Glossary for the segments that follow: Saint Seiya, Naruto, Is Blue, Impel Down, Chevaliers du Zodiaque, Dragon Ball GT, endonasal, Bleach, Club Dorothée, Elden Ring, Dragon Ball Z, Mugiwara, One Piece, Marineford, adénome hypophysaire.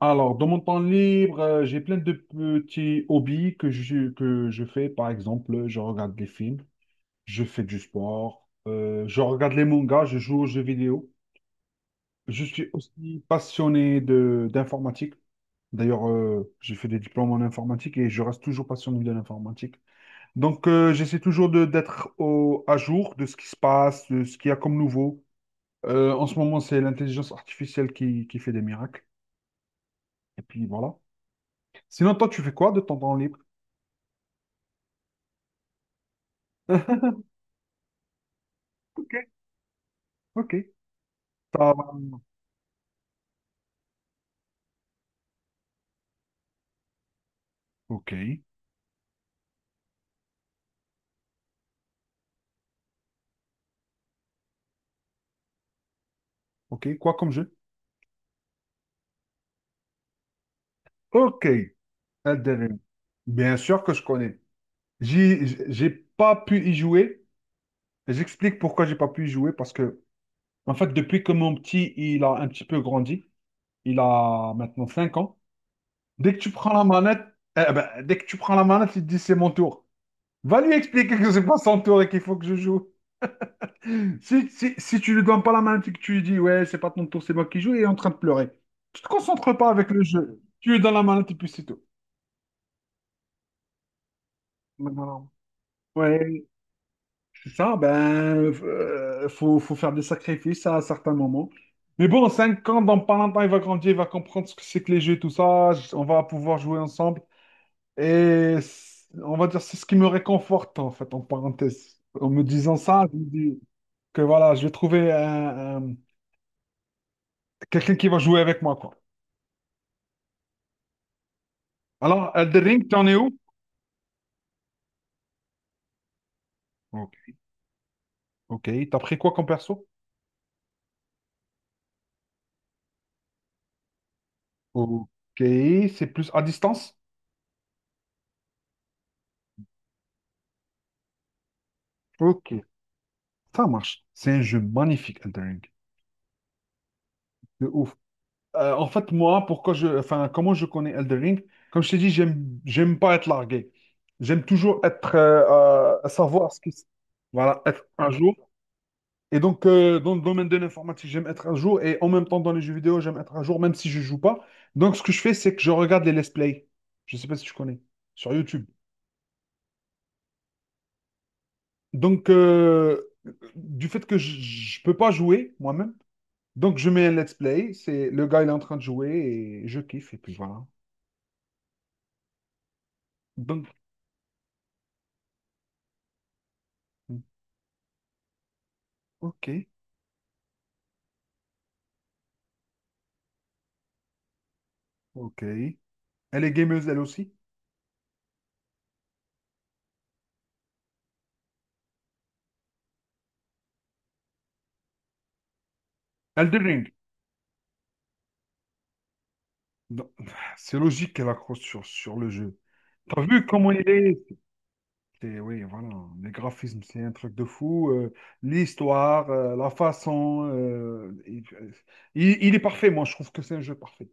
Alors, dans mon temps libre, j'ai plein de petits hobbies que je fais. Par exemple, je regarde des films, je fais du sport, je regarde les mangas, je joue aux jeux vidéo. Je suis aussi passionné de d'informatique. D'ailleurs, j'ai fait des diplômes en informatique et je reste toujours passionné de l'informatique. Donc, j'essaie toujours de d'être à jour de ce qui se passe, de ce qu'il y a comme nouveau. En ce moment, c'est l'intelligence artificielle qui fait des miracles. Et puis voilà. Sinon, toi, tu fais quoi de ton temps libre? Ok, ok. Ça va. Ok, ok. Quoi comme jeu? Ok, Elden Ring. Bien sûr que je connais. J'ai pas pu y jouer. J'explique pourquoi j'ai pas pu y jouer. Parce que, en fait, depuis que mon petit, il a un petit peu grandi, il a maintenant 5 ans. Dès que tu prends la manette, eh ben, dès que tu prends la manette, il te dit c'est mon tour. Va lui expliquer que c'est pas son tour et qu'il faut que je joue. Si tu lui donnes pas la main et que tu lui dis, ouais, c'est pas ton tour, c'est moi qui joue, il est en train de pleurer. Tu te concentres pas avec le jeu. Tu lui donnes la main et puis c'est tout. Non, non, non. Ouais, c'est ça, ben, faut faire des sacrifices à certains moments. Mais bon, 5 ans, dans pas longtemps, il va grandir, il va comprendre ce que c'est que les jeux et tout ça. On va pouvoir jouer ensemble. On va dire, c'est ce qui me réconforte, en fait, en parenthèse. En me disant ça, je me dis que voilà, je vais trouver quelqu'un qui va jouer avec moi, quoi. Alors, Elden Ring, t'en es où? Ok. Ok. T'as pris quoi comme perso? Ok. C'est plus à distance? Ok. Ça marche. C'est un jeu magnifique, Elden Ring. De ouf. En fait, moi, pourquoi je, enfin, comment je connais Elden Ring? Comme je t'ai dit, j'aime pas être largué. J'aime toujours être, savoir voilà, être à jour. Et donc, dans le domaine de l'informatique, j'aime être à jour. Et en même temps, dans les jeux vidéo, j'aime être à jour, même si je joue pas. Donc, ce que je fais, c'est que je regarde les let's play. Je sais pas si tu connais. Sur YouTube. Donc, du fait que je ne peux pas jouer moi-même, donc je mets un let's play. C'est le gars, il est en train de jouer et je kiffe. Et puis voilà. Donc, ok, ok. Elle est gameuse, elle aussi. Elden Ring. Donc, c'est logique qu'elle accroche sur le jeu. T'as vu comment il est? Oui, voilà. Les graphismes, c'est un truc de fou. L'histoire, la façon. Il est parfait, moi, je trouve que c'est un jeu parfait.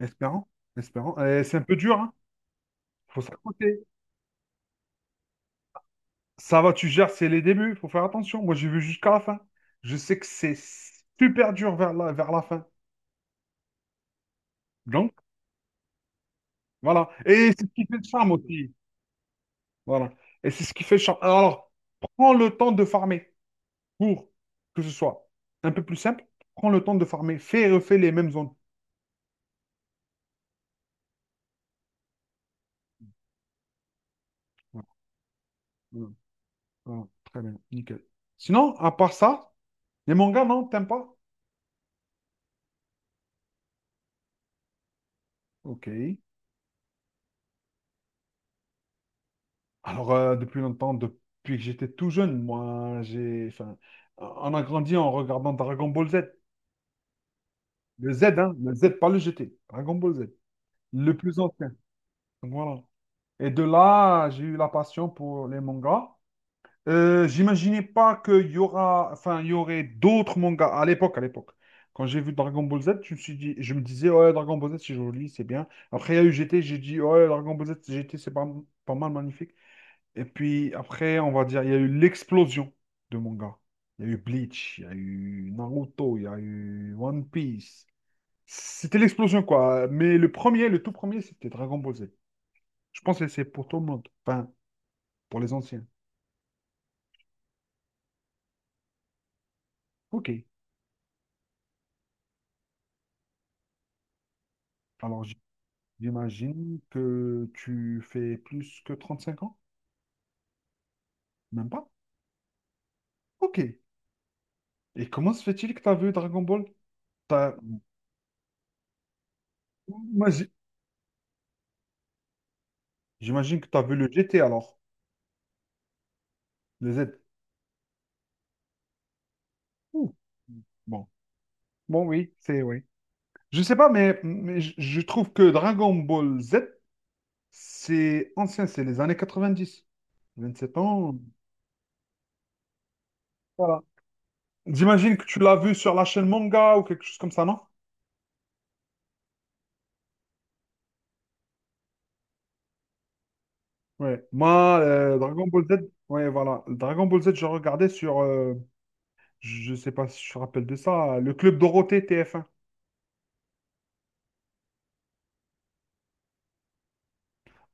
Espérant, espérant. C'est un peu dur, hein? Faut s'accrocher. Ça va, tu gères, c'est les débuts, faut faire attention. Moi, j'ai vu jusqu'à la fin. Je sais que c'est super dur vers vers la fin. Donc, voilà. Et c'est ce qui fait le charme aussi. Voilà. Et c'est ce qui fait le charme. Alors, prends le temps de farmer pour que ce soit un peu plus simple. Prends le temps de farmer. Fais et refais les mêmes zones. Voilà. Voilà. Voilà. Très bien, nickel. Sinon, à part ça, les mangas, non, t'aimes pas? Ok. Alors, depuis longtemps, depuis que j'étais tout jeune, moi, j'ai, enfin, on a grandi en regardant Dragon Ball Z. Le Z, hein, le Z, pas le G T. Dragon Ball Z, le plus ancien. Donc voilà. Et de là, j'ai eu la passion pour les mangas. J'imaginais pas qu'il y aura, enfin, il y aurait d'autres mangas à l'époque, à l'époque. Quand j'ai vu Dragon Ball Z, je me suis dit, je me disais, ouais, Dragon Ball Z, c'est joli, c'est bien. Après, il y a eu G T. J'ai dit, ouais, Dragon Ball Z, G T. C'est pas, pas mal, magnifique. Et puis après, on va dire, il y a eu l'explosion de manga. Il y a eu Bleach, il y a eu Naruto, il y a eu One Piece. C'était l'explosion, quoi. Mais le premier, le tout premier, c'était Dragon Ball Z. Je pense que c'est pour tout le monde. Enfin, pour les anciens. Ok. Alors, j'imagine que tu fais plus que 35 ans? Même pas? Ok. Et comment se fait-il que tu as vu Dragon Ball? T'as- Moi, j'imagine que tu as vu le G T alors, le Z. Ouh. Bon. Bon, oui, c'est oui. Je sais pas, mais, mais je trouve que Dragon Ball Z, c'est ancien, c'est les années 90. 27 ans. Voilà. J'imagine que tu l'as vu sur la chaîne manga ou quelque chose comme ça, non? Ouais. Moi, Dragon Ball Z, ouais, voilà. Dragon Ball Z, je regardais sur, je sais pas si je me rappelle de ça, le Club Dorothée TF1.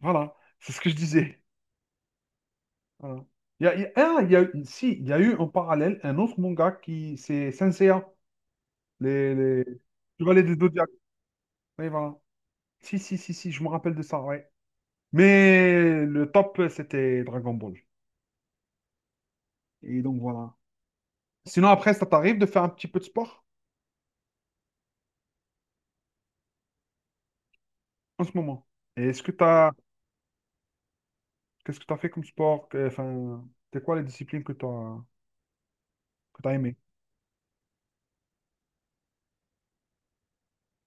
Voilà, c'est ce que je disais. Voilà. Il y a- ah, il y a- eu- Si, il y a eu en parallèle un autre manga qui, c'est Saint Seiya, les Chevaliers du Zodiaque. Oui, voilà. Si, je me rappelle de ça, ouais. Mais le top, c'était Dragon Ball. Et donc voilà. Sinon, après, ça t'arrive de faire un petit peu de sport en ce moment? Et est-ce que t'as... Qu'est-ce que t'as fait comme sport? Que- Enfin, c'est quoi les disciplines que t'as aimées?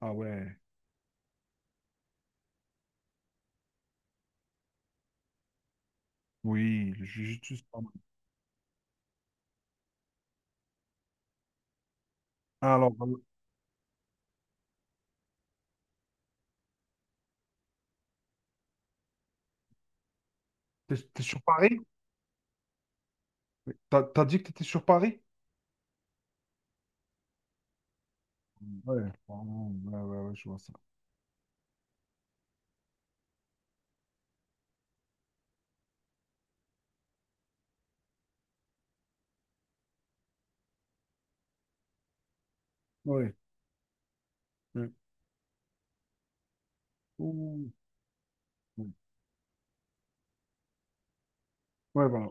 Ah ouais, oui, le jiu-jitsu, c'est pas mal. Alors, t'es sur Paris? Oui. T'as dit que t'étais sur Paris? Ouais, pardon, ouais, ouais, ouais, je vois ça. Ouais, ouais. Ouh, ouais, ouais, voilà,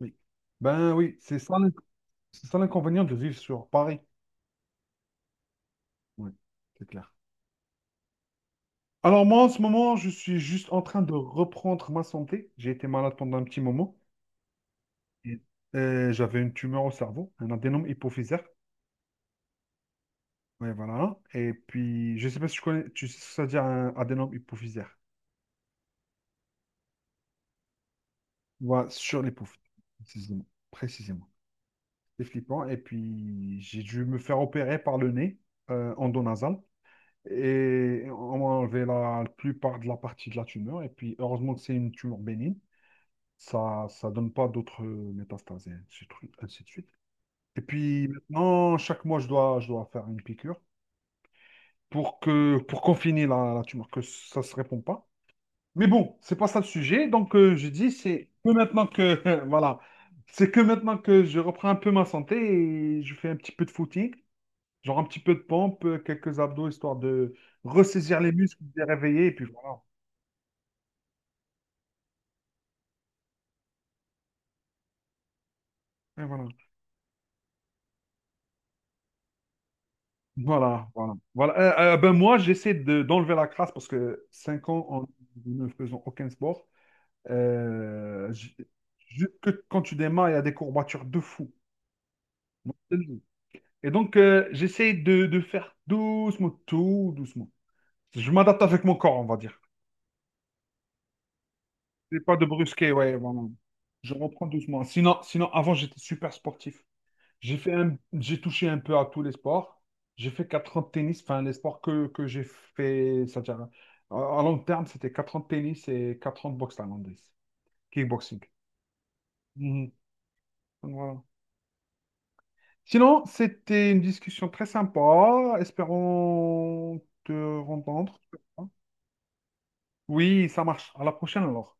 oui. Ben oui, c'est ça, c'est ça l'inconvénient de vivre sur Paris. Ouais, c'est clair. Alors moi, en ce moment, je suis juste en train de reprendre ma santé. J'ai été malade pendant un petit moment. Et, j'avais une tumeur au cerveau, un adénome hypophysaire. Ouais, voilà. Et puis, je sais pas si tu connais, tu sais ce que ça veut dire un adénome hypophysaire. Voilà, sur l'hypophyse, précisément. Précisément. C'est flippant. Et puis, j'ai dû me faire opérer par le nez, endonasal. Et on m'a enlevé la plupart de la partie de la tumeur. Et puis, heureusement que c'est une tumeur bénigne. Ça donne pas d'autres métastases, et ainsi de suite. Ainsi de suite. Et puis maintenant, chaque mois, je dois faire une piqûre pour que pour confiner la tumeur, que ça se répond pas. Mais bon, c'est pas ça le sujet. Donc je dis, c'est que maintenant que voilà, c'est que maintenant que je reprends un peu ma santé et je fais un petit peu de footing, genre un petit peu de pompe, quelques abdos, histoire de ressaisir les muscles, de les réveiller, et puis voilà. Et voilà. Voilà, voilà, voilà. Ben moi, j'essaie d'enlever la crasse parce que 5 ans en ne faisant aucun sport, euh, je- que quand tu démarres, il y a des courbatures de fou. Moi, je te le dis. Et donc, j'essaie de faire doucement, tout doucement. Je m'adapte avec mon corps, on va dire. C'est pas de brusquer, ouais, vraiment. Je reprends doucement. Sinon avant, j'étais super sportif. J'ai touché un peu à tous les sports. J'ai fait 4 ans de tennis, enfin les sports que j'ai fait, c'est-à-dire à long terme, c'était 4 ans de tennis et 4 ans de boxe thaïlandaise, kickboxing. Mhm. Donc, voilà. Sinon, c'était une discussion très sympa. Espérons te rencontrer. Oui, ça marche. À la prochaine alors.